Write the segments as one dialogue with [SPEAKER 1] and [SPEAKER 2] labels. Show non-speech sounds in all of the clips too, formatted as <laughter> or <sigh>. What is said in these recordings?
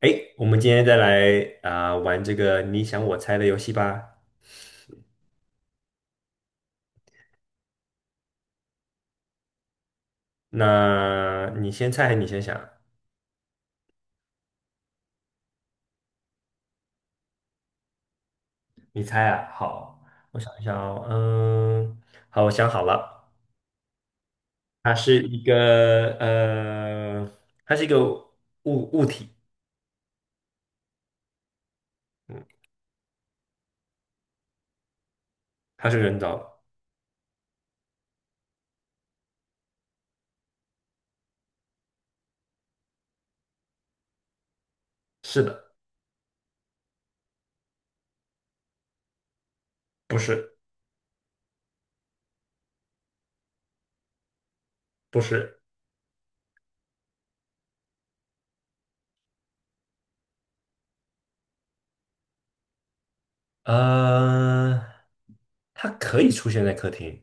[SPEAKER 1] 哎，我们今天再来啊、玩这个你想我猜的游戏吧。那你先猜还是你先想？你猜啊，好，我想一想哦，嗯，好，我想好了。它是一个它是一个物体，嗯，它是人造的，是的，不是，不是。呃，它可以出现在客厅。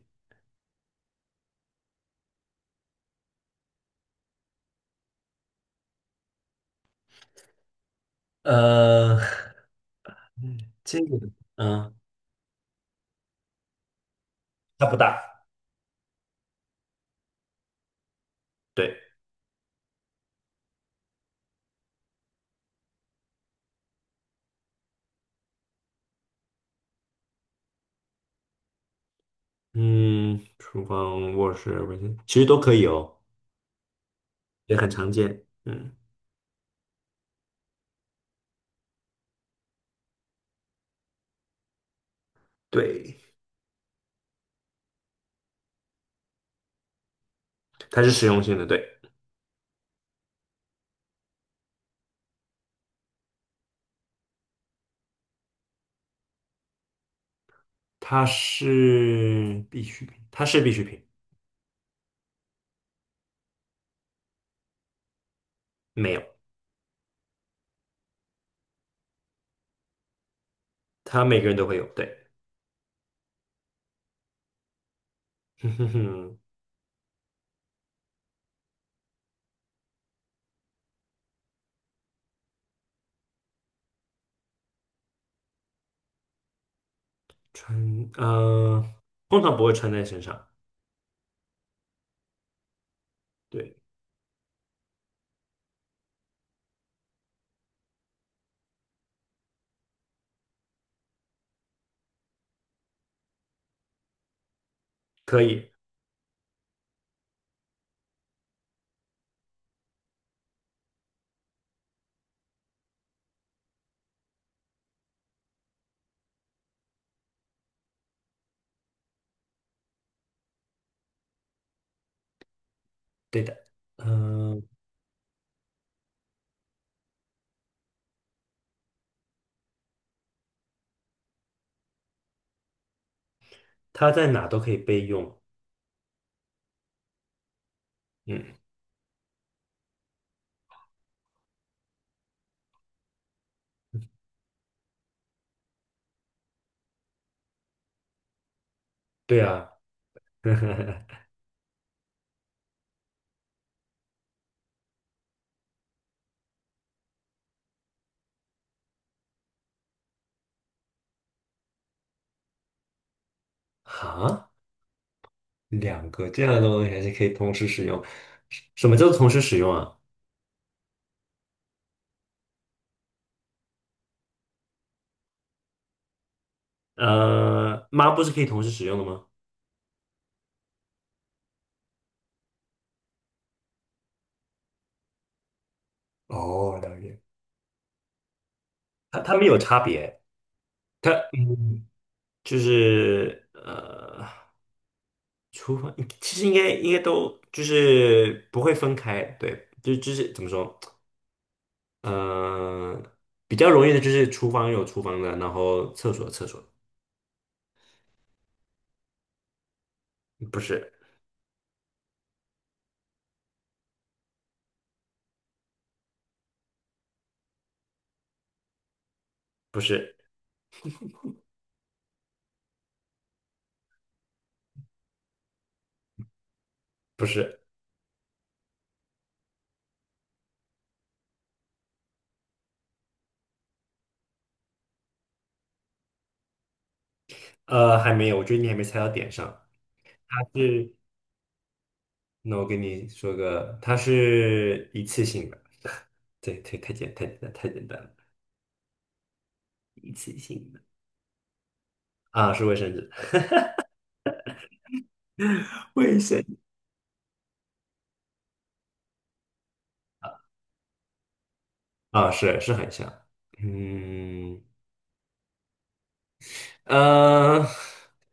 [SPEAKER 1] 呃，<laughs> 嗯这个，嗯，它不大，对。嗯，厨房、卧室、卫生，间其实都可以哦，也很常见。嗯，对，它是实用性的，对，它是必需品，没有，它每个人都会有，对。哼哼哼，穿，通常不会穿在身上，对，可以，对的。嗯、它在哪都可以备用，嗯，对啊。哈，两个这样的东西还是可以同时使用，什么叫做同时使用啊？抹布是可以同时使用的吗？哦，了解。它没有差别，它嗯，就是厨房其实应该都就是不会分开，对，就是怎么说，呃，比较容易的就是厨房有厨房的，然后厕所有厕所的。不是不是不是，还没有，我觉得你还没猜到点上。它是，那我跟你说个，它是一次性的，对，太简单了。一次性的啊，是卫生纸。 <laughs> 卫生啊，是是很像，嗯呃，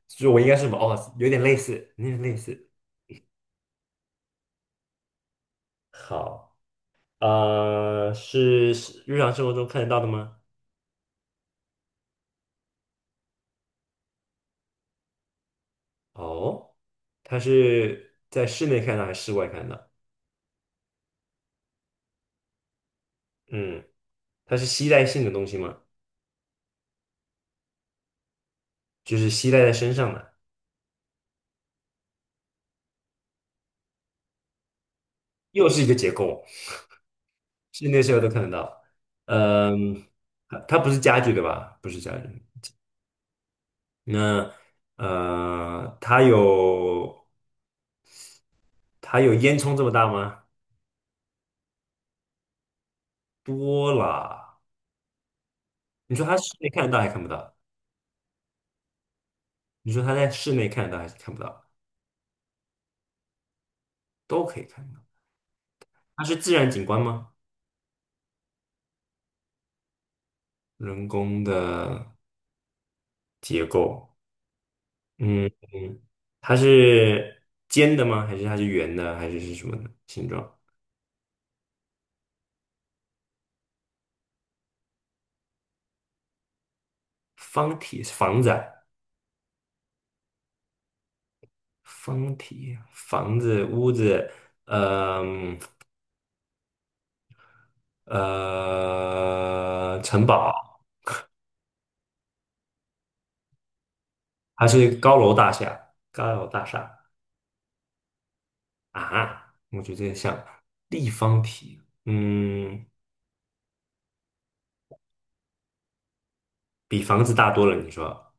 [SPEAKER 1] 就是我应该是什么哦，有点类似，有点类似。好，是是日常生活中看得到的吗？哦，它是在室内看到还是室外看到？嗯，它是吸带性的东西吗？就是吸带在身上的。又是一个结构，室内室外都看得到。嗯，它不是家具对吧？不是家具。那它有它有烟囱这么大吗？多了。你说它室内看得到还看不到？你说它在室内看得到还是看不到？都可以看到。它是自然景观吗？人工的结构，嗯嗯。它是尖的吗？还是它是圆的？还是是什么的形状？方体房子啊，方体房子屋子，呃嗯城堡。还是一个高楼大厦，高楼大厦啊，我觉得像立方体，嗯，比房子大多了。你说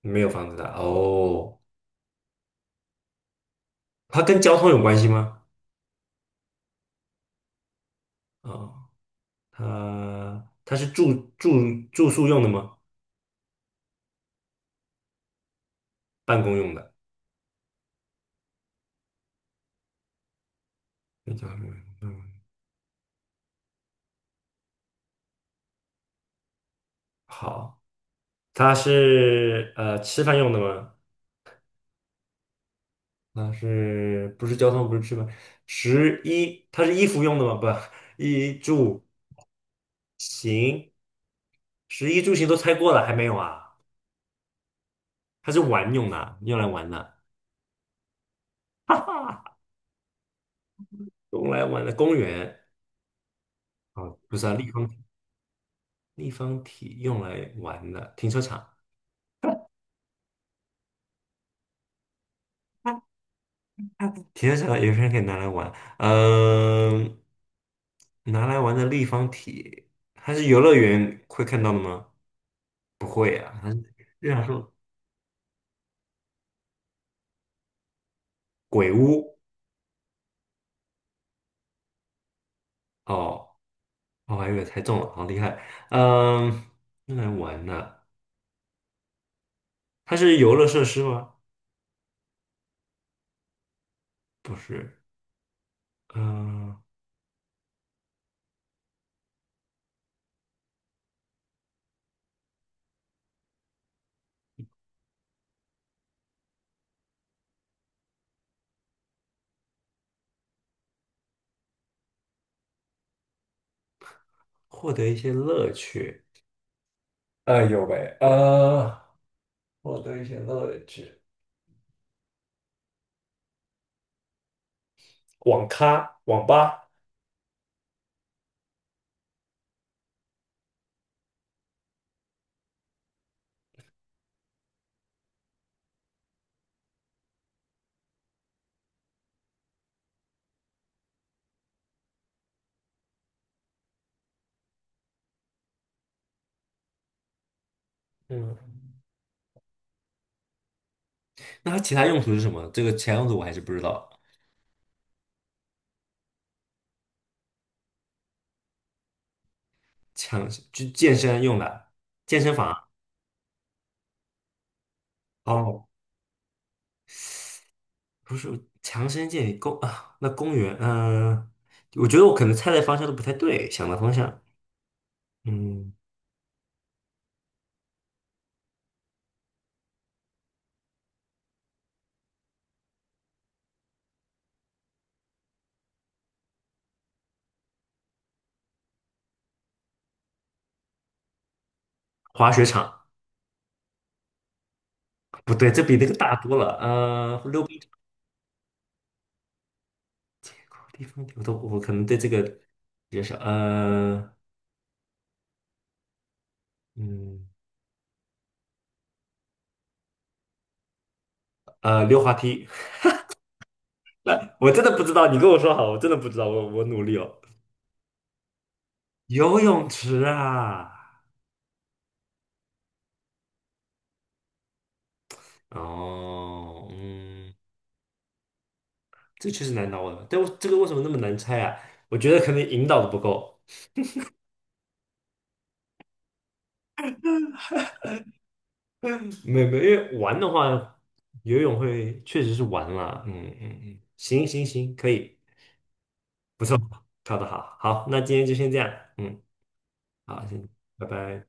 [SPEAKER 1] 没有房子大哦？它跟交通有关系吗？哦，它它是住宿用的吗？办公用的？那叫什么嗯。好，它是吃饭用的吗？那是不是交通？不是吃饭？十一，它是衣服用的吗？不，<laughs> 衣住行。十一住形都猜过了，还没有啊？它是玩用的啊用来玩的。哈哈，用来玩的公园哦，不是啊，立方体立方体用来玩的，停车场。停车场有些人可以拿来玩，嗯、拿来玩的立方体，它是游乐园会看到的吗？不会啊，它是日常说鬼屋哦，我还以为猜中了，好厉害。嗯、用来玩的，它是游乐设施吗？不是，嗯、获得一些乐趣。哎有呗，获得一些乐趣。网咖、网吧。嗯，那它其他用途是什么？这个其他用途我还是不知道。强，就健身用的，健身房。哦，不是强身健体公啊，那公园。嗯、我觉得我可能猜的方向都不太对，想的方向，嗯。滑雪场不对，这比那个大多了，溜冰场地方我都我可能对这个比较少，嗯，溜滑梯。来，我真的不知道，你跟我说好，我真的不知道，我努力哦。游泳池啊，哦，嗯，这确实难倒我了。但我这个为什么那么难猜啊？我觉得可能引导的不够，没没，因为玩的话，游泳会确实是玩啦。嗯嗯嗯，行行行，可以，不错，考得好，好，那今天就先这样，嗯，好，先，拜拜。